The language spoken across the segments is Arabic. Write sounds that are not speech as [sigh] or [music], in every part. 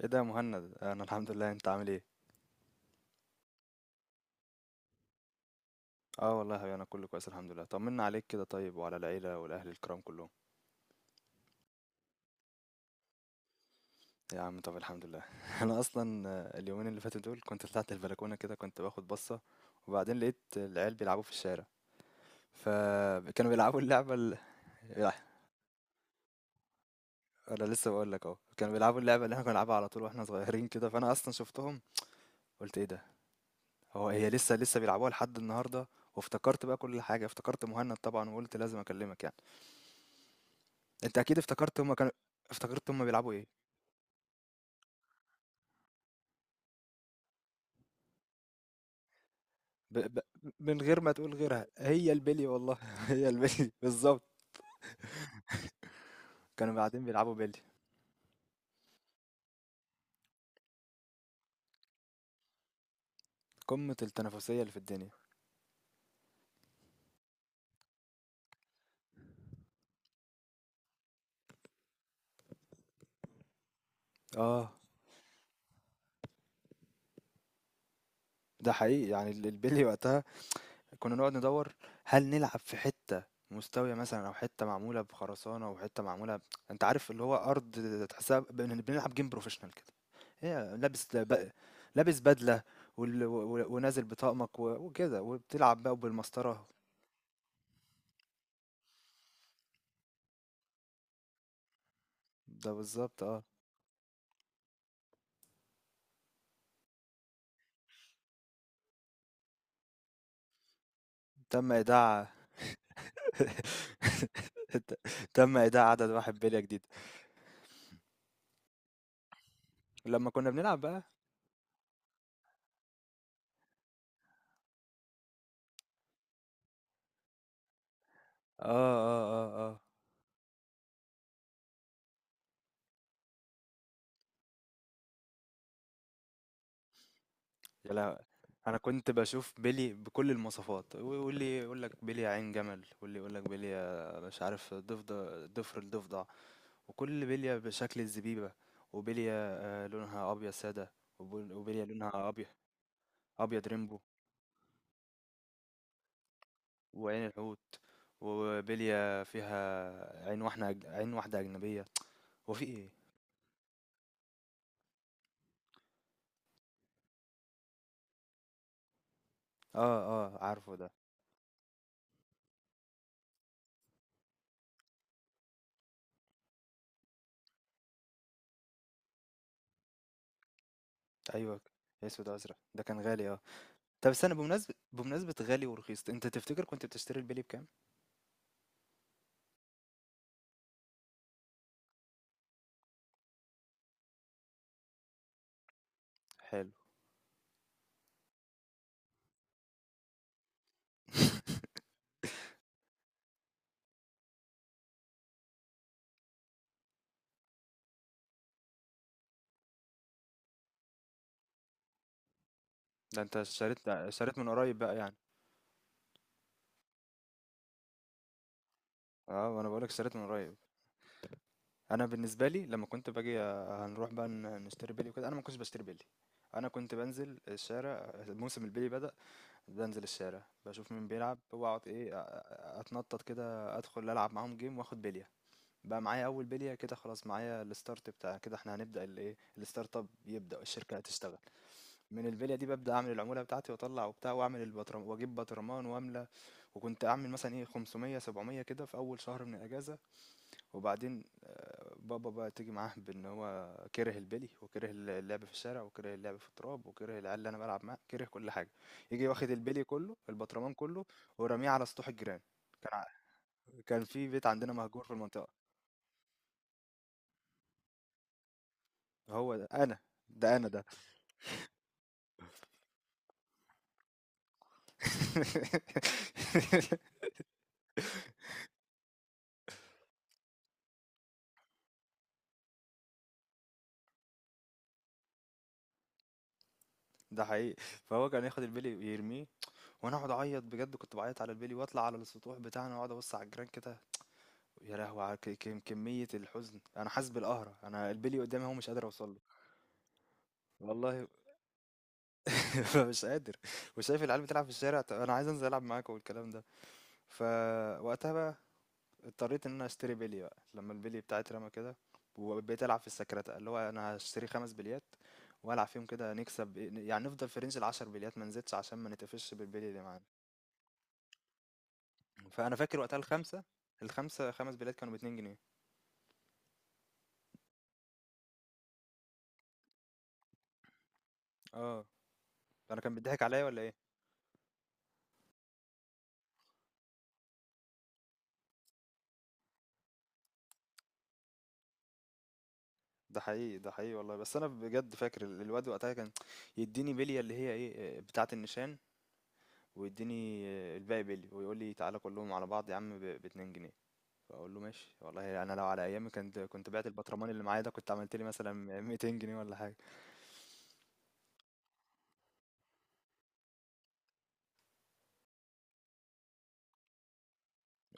ايه ده يا مهند؟ انا الحمد لله، انت عامل ايه؟ اه والله يا حبيبي، انا كله كويس الحمد لله. طمنا عليك كده. طيب، وعلى العيله والاهل الكرام كلهم؟ يا عم طب الحمد لله. [laughs] انا اصلا اليومين اللي فاتوا دول كنت طلعت البلكونه كده، كنت باخد بصه. وبعدين لقيت العيال بيلعبوا في الشارع، فكانوا بيلعبوا اللعبه ال... لا، انا لسه بقول لك اهو، كانوا بيلعبوا اللعبه اللي احنا كنا بنلعبها على طول واحنا صغيرين كده. فانا اصلا شفتهم قلت ايه ده، هو هي لسه بيلعبوها لحد النهارده. وافتكرت بقى كل حاجه، افتكرت مهند طبعا وقلت لازم اكلمك. أنت أكيد افتكرت هُم كانوا، افتكرت هُم بيلعبوا إيه؟ ب ب من غير ما تقول غيرها، هي البِلي والله. [laughs] هي البِلي بالضبط. كانوا قاعدين بيلعبوا بِلي، قمة التنافسية اللي في الدنيا. آه، ده حقيقي يعني البِلي وقتها كنا نقعد ندوّر هل نلعب في حتّة مستوية مثلًا، أو حتّة معمولة بخرسانة، وحتّة معمولة أنت عارف اللي هو أرض تحسّها بنلعب game professional كده. هي لابس بدلة ونازل بطقمك وكده، وبتلعب بقى وبالمسطرة. ده بالضبط آه. تم إيداع [laughs] تم إيداع عدد واحد بلية جديدة. ولمّا كنا بنلعب بقى. آه، آه، آه، آه. يا لهوي! أنا كنت باشوف بيلي بكل المواصفات، واللي يقول لك بلية عين جمل، واللي يقول لك بلية مش عارف ضفر الضفدع، وكل بلية بشكل الزبيبة، وبلية لونها أبيض سادة، وبلية لونها أبيض ريمبو، وعين الحوت، وبلية فيها عين واحدة أجنبية، هو في إيه؟ آه، آه، عارفه ده. أيوه، أسود أزرق، ده كان غالي آه. طب استنى، بمناسبة غالي ورخيص، أنت تفتكر كنت بتشتري البلي بكام؟ حلو. [laughs] ده أنت اشتريت من قريب بقى يعني. اه، وأنا بقولك اشتريت من قريب. أنا بالنسبة لي لما كنت باجي هنروح بقى نشتري بلي وكده، أنا ما كنتش بشتري بلي. أنا كنت بنزل الشارع موسم البلي بدأ، بنزل الشارع بشوف مين بيلعب وأقعد إيه، أتنطط كده أدخل ألعب معاهم جيم وآخد بلي. بقى معايا اول بليه كده، خلاص معايا الستارت بتاع كده. احنا هنبدا الايه، الستارت اب، يبدا الشركه هتشتغل من البليه دي. ببدا اعمل العموله بتاعتي واطلع وبتاع، واعمل واجيب بطرمان واملى. وكنت اعمل مثلا ايه 500 700 كده في اول شهر من الاجازه. وبعدين بابا بقى تيجي معاه بان هو كره البلي وكره اللعب في الشارع وكره اللعب في التراب وكره العيال اللي انا بلعب معاه، كره كل حاجه. يجي واخد البلي كله، البطرمان كله ورميه على سطوح الجيران. كان ع- كان في بيت عندنا مهجور في المنطقه. هو ده انا، ده انا ده. [laughs] ده حقيقي. فهو كان ياخد البلي ويرميه، وانا اقعد اعيط بجد، كنت بعيط على البلي واطلع على السطوح بتاعنا واقعد ابص على الجيران كده. يا لهوي على كمية الحزن، انا حاسس بالقهرة، انا البلي قدامي هو مش قادر اوصل له. والله. [laughs] مش قادر. وشايف العيال بتلعب في الشارع، طب انا عايز انزل العب معاكم والكلام ده. فوقتها بقى اضطريت ان انا اشتري بلي بقى لما البلي بتاعي اترمى كده. وبقيت العب في السكرتة، اللي هو انا هشتري خمس بليات والعب فيهم كده نكسب، يعني نفضل في رينج العشر بليات ما نزيدش، عشان ما نتقفش بالبلي اللي معانا. فانا فاكر وقتها الخمسه خمس بليات كانوا بـ2 جنيه. اه. انا كان بيضحك عليا ولا ايه؟ ده حقيقي، ده حقيقي والله. بس انا بجد فاكر الواد وقتها كان يديني بليه اللي هي ايه، بتاعه النيشان، ويديني الباقي بلي، ويقول لي تعالى كلهم على بعض يا عم ب 2 جنيه. فاقول له ماشي. والله انا لو على ايامي، كنت بعت البطرمان اللي معايا ده، كنت عملت لي مثلا 200 جنيه ولا حاجه.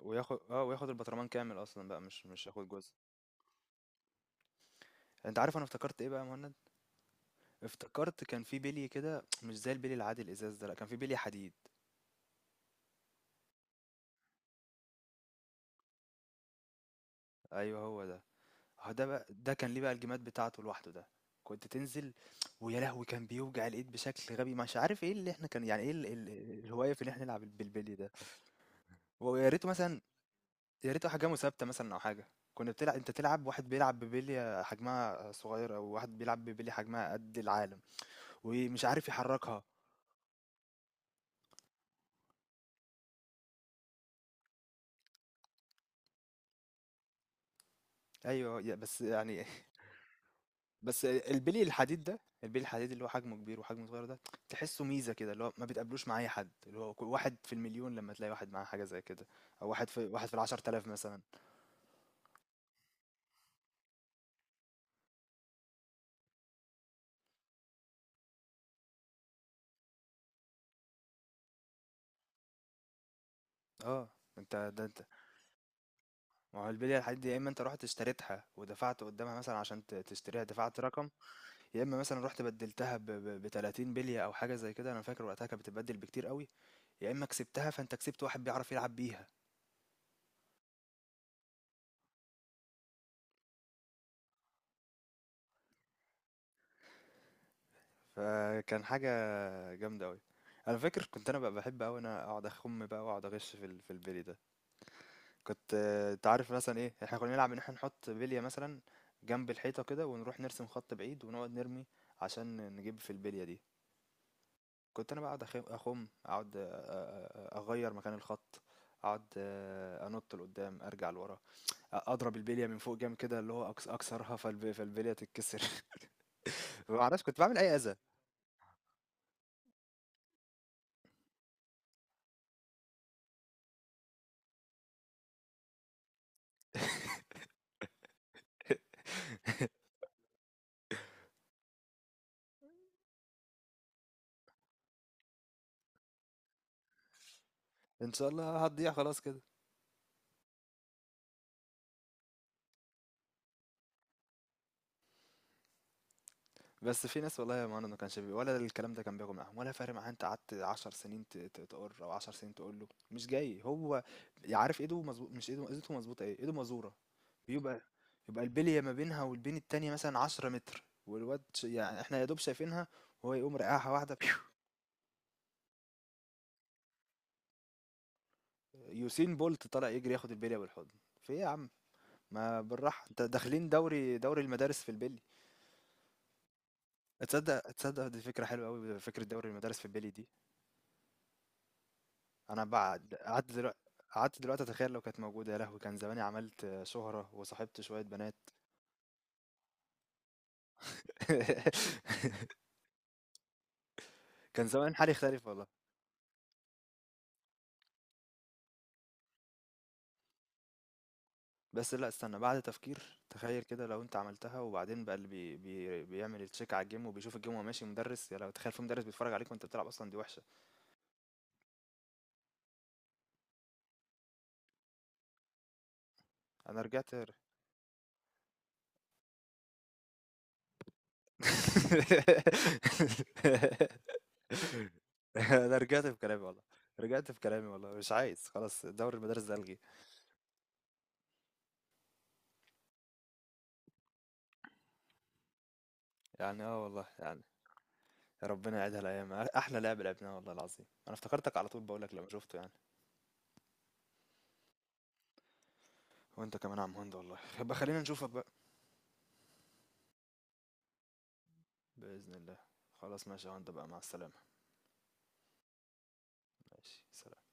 وياخد وياخد البطرمان كامل اصلا بقى، مش ياخد جزء. انت عارف انا افتكرت ايه بقى يا مهند؟ افتكرت كان في بلي كده مش زي البلي العادي الازاز ده، لا، كان في بلي حديد. ايوه، هو ده. اه، ده بقى ده كان ليه بقى الجيمات بتاعته لوحده ده. كنت تنزل، ويا لهوي كان بيوجع الايد بشكل غبي. مش عارف ايه اللي احنا كان يعني ايه الهوايه في ان احنا نلعب بالبلي ده. ويا ريته مثلا، يا ريت احجامه ثابته مثلا او حاجه. كنا بتلعب، انت تلعب واحد بيلعب ببليه حجمها صغير، او واحد بيلعب ببليه حجمها قد العالم ومش عارف يحركها. ايوه، بس يعني. [laughs] بس البلي الحديد ده، البلي الحديد اللي هو حجمه كبير وحجمه صغير ده، تحسه ميزه كده، اللي هو ما بتقابلوش مع اي حد، اللي هو واحد في المليون لما تلاقي واحد معاه حاجه زي كده. او واحد في 10,000 مثلا. اه، انت ده انت. ما هو البليه الحديد دي، يا اما انت رحت اشتريتها ودفعت قدامها مثلا، عشان تشتريها دفعت رقم، يا اما مثلا رحت بدلتها 30 بليه او حاجه زي كده. انا فاكر وقتها كانت بتتبدل بكتير قوي. يا اما كسبتها فانت كسبت واحد بيعرف يلعب بيها. فكان حاجه جامده قوي. انا فاكر كنت انا بقى بحب قوي انا اقعد اخم بقى، واقعد اغش في في البلي ده. كنت انت عارف مثلا ايه، احنا كنا نلعب ان احنا نحط بليه مثلا جنب الحيطه كده، ونروح نرسم خط بعيد ونقعد نرمي عشان نجيب في البليه دي. كنت انا بقعد اخم، اقعد اغير مكان الخط، اقعد انط لقدام ارجع لورا، اضرب البليه من فوق جامد كده اللي هو اكسرها فالبليه تتكسر. [laughs] ما اعرفش كنت بعمل اي اذى. [laughs] ان شاء الله هتضيع خلاص كده. بس في ناس والله يا مهند ما كانش ولا الكلام ده كان بياخد معاهم ولا فارق معاه. انت قعدت 10 سنين تقر، او 10 سنين تقول له مش جاي، هو عارف ايده مظبوط، مش ايده مظبوطه ايه، ايده مزوره. يبقى يبقى البليه ما بينها والبين التانيه مثلا 10 متر، والواد يعني احنا يا دوب شايفينها، وهو يقوم رقعها واحده. [laughs] يوسين بولت طالع يجري ياخد البليه بالحضن. في ايه يا عم؟ ما بالراحة، انت داخلين دوري المدارس في البيلي؟ تصدق، دي فكرة حلوة قوي، فكرة دوري المدارس في البيلي دي. انا بعد قعدت دلوقتي اتخيل لو كانت موجودة، يا لهوي كان زماني عملت شهرة وصاحبت شوية بنات. [laughs] كان زمان حالي اختلف والله. بس لا، استنى بعد تفكير، تخيل كده لو انت عملتها، وبعدين بقى اللي بي بي بيعمل التشيك على الجيم، وبيشوف الجيم وهو ماشي مدرس. يا لو تخيل في مدرس بيتفرج عليك وانت بتلعب اصلا، دي وحشة. انا رجعت [laughs] [laughs] أنا رجعت في كلامي والله، رجعت في كلامي والله، مش عايز خلاص، دوري المدارس ده ألغيه. يعني آه والله يعني. ربنا يعيدها الأيام، أحلى لعب لعبناه والله العظيم، أنا افتكرتك على طول، بقول لك لما شفته يعني. وأنت كمان يا عم هند والله، يبقى خلينا نشوفك بقى. بإذن الله، خلاص ماشي يا هند بقى، مع السلامة. ماشي سلام.